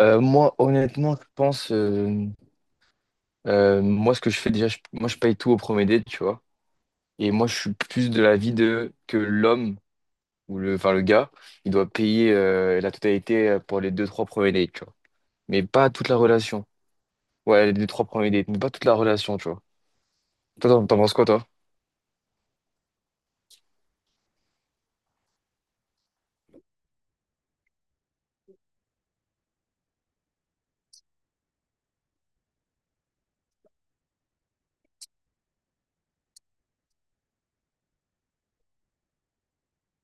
Moi, honnêtement, je pense, moi, ce que je fais déjà, moi, je paye tout au premier date, tu vois. Et moi, je suis plus de l'avis de que l'homme ou le, enfin, le gars, il doit payer la totalité pour les deux, trois premiers dates, tu vois. Mais pas toute la relation. Ouais, les deux, trois premiers dates, mais pas toute la relation, tu vois. Toi, t'en penses quoi, toi?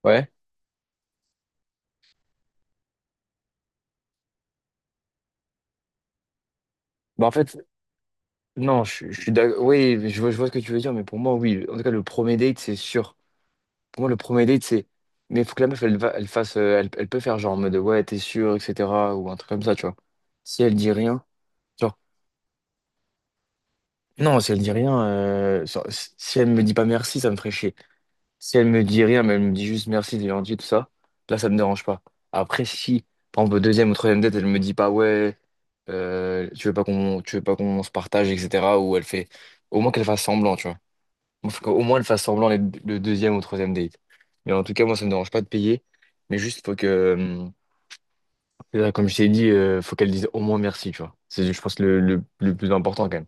Ouais. Bah, en fait, non, je suis d'accord. Oui, je vois ce que tu veux dire, mais pour moi, oui. En tout cas, le premier date, c'est sûr. Pour moi, le premier date, c'est. Mais il faut que la meuf, elle fasse. Elle peut faire genre en mode ouais, t'es sûr, etc. Ou un truc comme ça, tu vois. Si elle dit rien. Genre, non, si elle dit rien. Genre, si elle me dit pas merci, ça me ferait chier. Si elle me dit rien, mais elle me dit juste merci, t'es gentil, tout ça, là, ça me dérange pas. Après, si, par exemple, au deuxième ou troisième date, elle me dit pas ouais, tu veux pas qu'on se partage, etc. Ou elle fait. Au moins qu'elle fasse semblant, tu vois. Bon, faut qu'au moins elle fasse semblant le deuxième ou troisième date. Mais en tout cas, moi, ça me dérange pas de payer. Mais juste, faut que, là, comme je t'ai dit, faut qu'elle dise au moins merci, tu vois. C'est, je pense, le plus important quand même.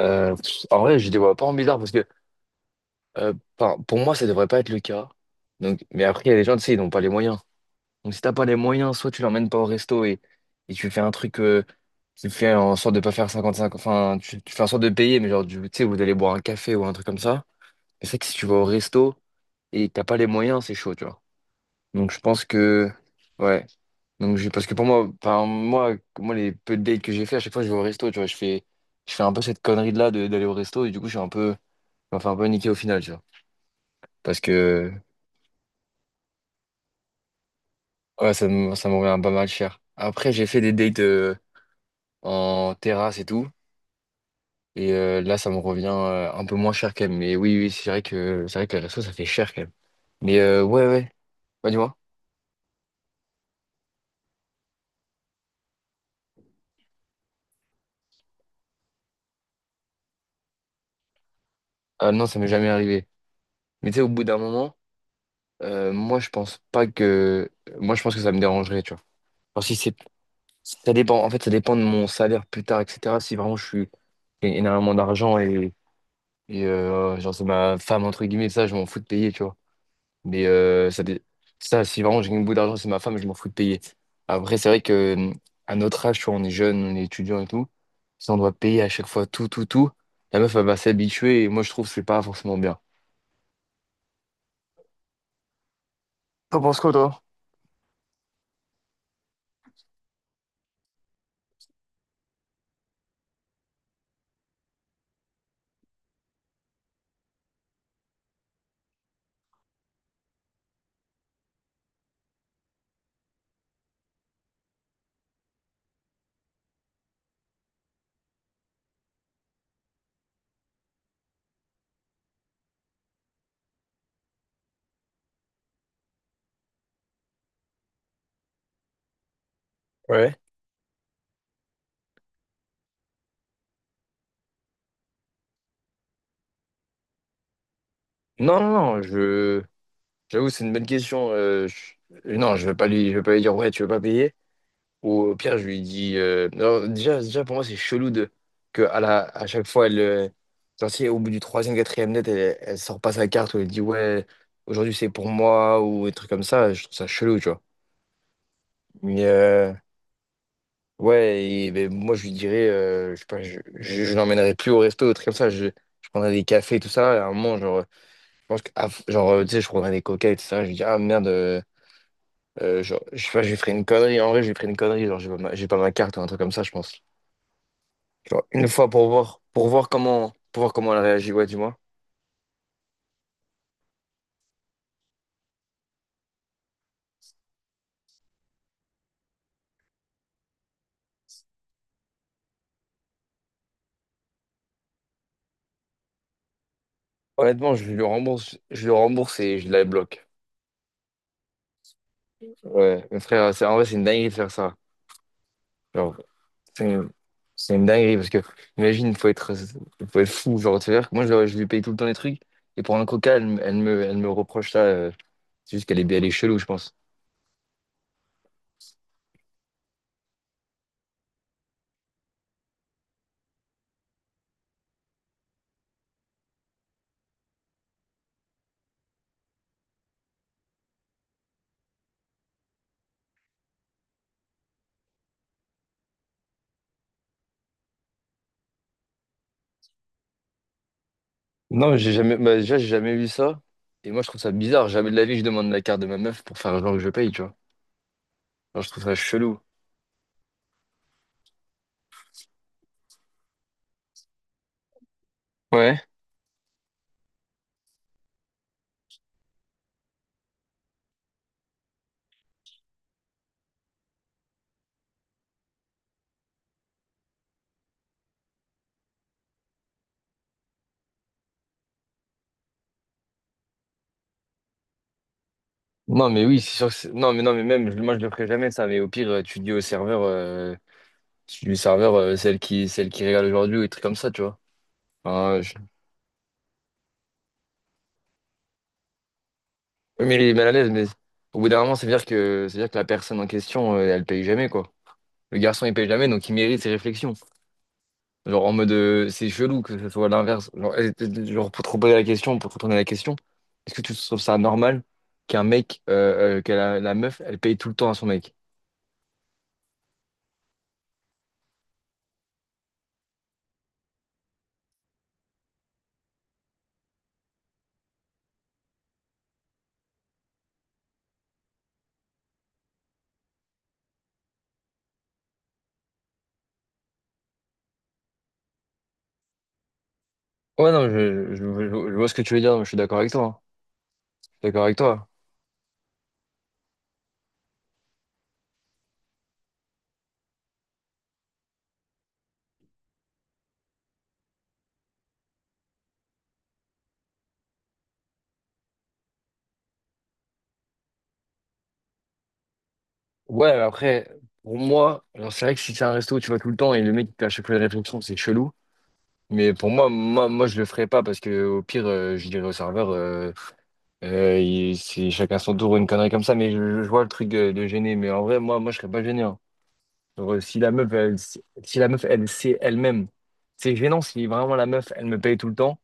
En vrai, je les vois pas en bizarre parce que, euh, enfin, pour moi, ça devrait pas être le cas. Donc, mais après, il y a des gens, tu sais, ils n'ont pas les moyens. Donc, si t'as pas les moyens, soit tu l'emmènes pas au resto et tu fais un truc, tu fais en sorte de pas faire 55, enfin, tu fais en sorte de payer, mais genre, tu sais, vous allez boire un café ou un truc comme ça. C'est vrai que si tu vas au resto et que t'as pas les moyens, c'est chaud, tu vois. Donc je pense que ouais. Donc j'ai parce que pour moi, enfin moi les peu de dates que j'ai fait, à chaque fois je vais au resto, tu vois, je fais un peu cette connerie de là d'aller au resto et du coup je me fais un peu niquer au final, tu vois. Parce que ouais, ça me revient pas mal cher. Après, j'ai fait des dates en terrasse et tout et là ça me revient un peu moins cher quand même. Mais oui oui, c'est vrai que les restos ça fait cher quand même. Mais ouais ouais, bah dis-moi. Ah non, ça m'est jamais arrivé. Mais tu sais, au bout d'un moment. Moi, je pense pas que. Moi, je pense que ça me dérangerait, tu vois. Enfin, si c'est. Ça dépend. En fait, ça dépend de mon salaire plus tard, etc. Si vraiment je suis. J'ai énormément d'argent et, genre, c'est ma femme, entre guillemets, ça, je m'en fous de payer, tu vois. Mais ça, si vraiment j'ai une bout d'argent, c'est ma femme, je m'en fous de payer. Après, c'est vrai que. À notre âge, tu vois, on est jeune, on est étudiant et tout. Si on doit payer à chaque fois tout, tout, tout, la meuf, elle va s'habituer et moi, je trouve que c'est pas forcément bien. T'en penses quoi, toi? Ouais. Non, non, non, je. J'avoue, c'est une bonne question. Non, je vais pas lui dire ouais, tu veux pas payer. Ou au pire, je lui dis, non, déjà, déjà, pour moi, c'est chelou de que à chaque fois, elle, genre, si au bout du troisième, quatrième net, elle sort pas sa carte ou elle dit ouais, aujourd'hui c'est pour moi ou des trucs comme ça. Je trouve ça chelou, tu vois. Mais ouais, et, ben, moi, je lui dirais, je sais pas, je l'emmènerais plus au resto, des trucs comme ça. Je prendrais des cafés, tout ça. Et à un moment, genre, je pense que, ah, genre, tu sais, je prendrais des coca et tout ça. Je lui dis ah merde. Genre, je sais pas, j'ai pris une connerie. En vrai, j'ai pris une connerie. Genre, j'ai pas ma carte ou un truc comme ça, je pense. Genre, une fois pour voir comment elle réagit. Ouais, dis-moi. Honnêtement, je lui rembourse et je la bloque. Ouais, mais frère, c'est, en vrai, c'est une dinguerie de faire ça. Genre, c'est une, c'est une dinguerie parce que, imagine, faut être fou. Genre, tu veux dire que moi, je lui paye tout le temps les trucs et pour un coca, elle me reproche ça. C'est juste qu'elle est chelou, je pense. Non, mais j'ai jamais, bah, déjà, j'ai jamais vu ça. Et moi, je trouve ça bizarre. Jamais de la vie, je demande la carte de ma meuf pour faire genre que je paye, tu vois. Genre, je trouve ça chelou. Ouais. Non, mais oui, c'est sûr que non, mais non, mais même, moi, je le ferai jamais, ça. Mais au pire, tu dis au serveur, tu dis au serveur, celle qui régale aujourd'hui ou des trucs comme ça, tu vois. Enfin, je... Mais il est mal à l'aise, mais au bout d'un moment, ça veut dire que la personne en question, elle paye jamais, quoi. Le garçon, il paye jamais, donc il mérite ses réflexions. Genre en mode c'est chelou que ce soit l'inverse. Genre, pour te reposer la question, pour te retourner la question, est-ce que tu trouves ça normal qu'un mec, que la meuf, elle paye tout le temps à son mec? Ouais, non, je vois ce que tu veux dire, mais je suis d'accord avec toi, hein. Je suis d'accord avec toi. Ouais, mais après, pour moi, genre, c'est vrai que si c'est un resto où tu vas tout le temps et le mec il te fait à chaque fois une réflexion, c'est chelou. Mais pour moi, je le ferais pas parce que au pire, je dirais au serveur, c'est chacun son tour, une connerie comme ça, mais je vois le truc de gêner. Mais en vrai, moi je serais pas gêné, hein. Genre, si la meuf, elle sait elle-même, c'est gênant si vraiment la meuf, elle me paye tout le temps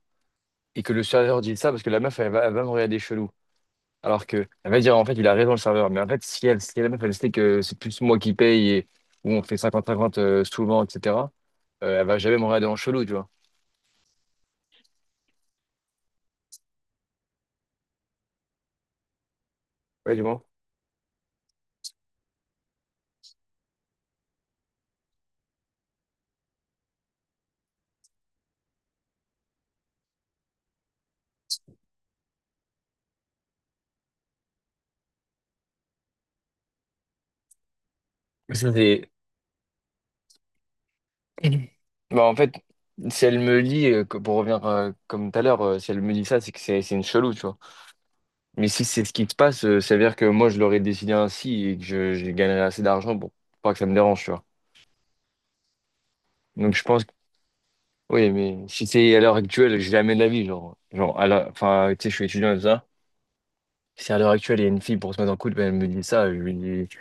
et que le serveur dit ça parce que la meuf, elle va me regarder chelou. Alors que, elle va dire, en fait, il a raison le serveur. Mais en fait, si la meuf, elle sait que c'est plus moi qui paye et où on fait cinquante 50 souvent, etc., elle va jamais me regarder en chelou, tu vois. Ouais, du moins. Ça, c'est. Bah, en fait, si elle me lit, pour revenir comme tout à l'heure, si elle me dit ça, c'est que c'est une chelou, tu vois. Mais si c'est ce qui se passe, ça veut dire que moi, je l'aurais décidé ainsi et que je gagnerais assez d'argent pour pas que ça me dérange, tu vois. Donc, je pense que, oui, mais si c'est à l'heure actuelle, jamais de la vie, genre, enfin, tu sais, je suis étudiant et tout ça. Si à l'heure actuelle, il y a une fille pour se mettre en couple, ben elle me dit ça, je lui dis, je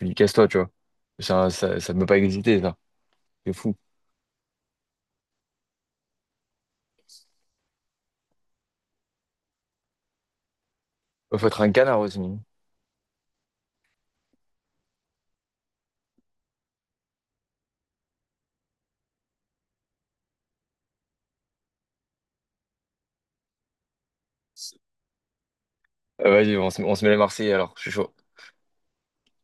lui dis, casse-toi, tu vois. Ça peut pas exister, ça. C'est fou. Faut être un canard aussi. Vas-y, on se met les Marseillais alors, je suis chaud.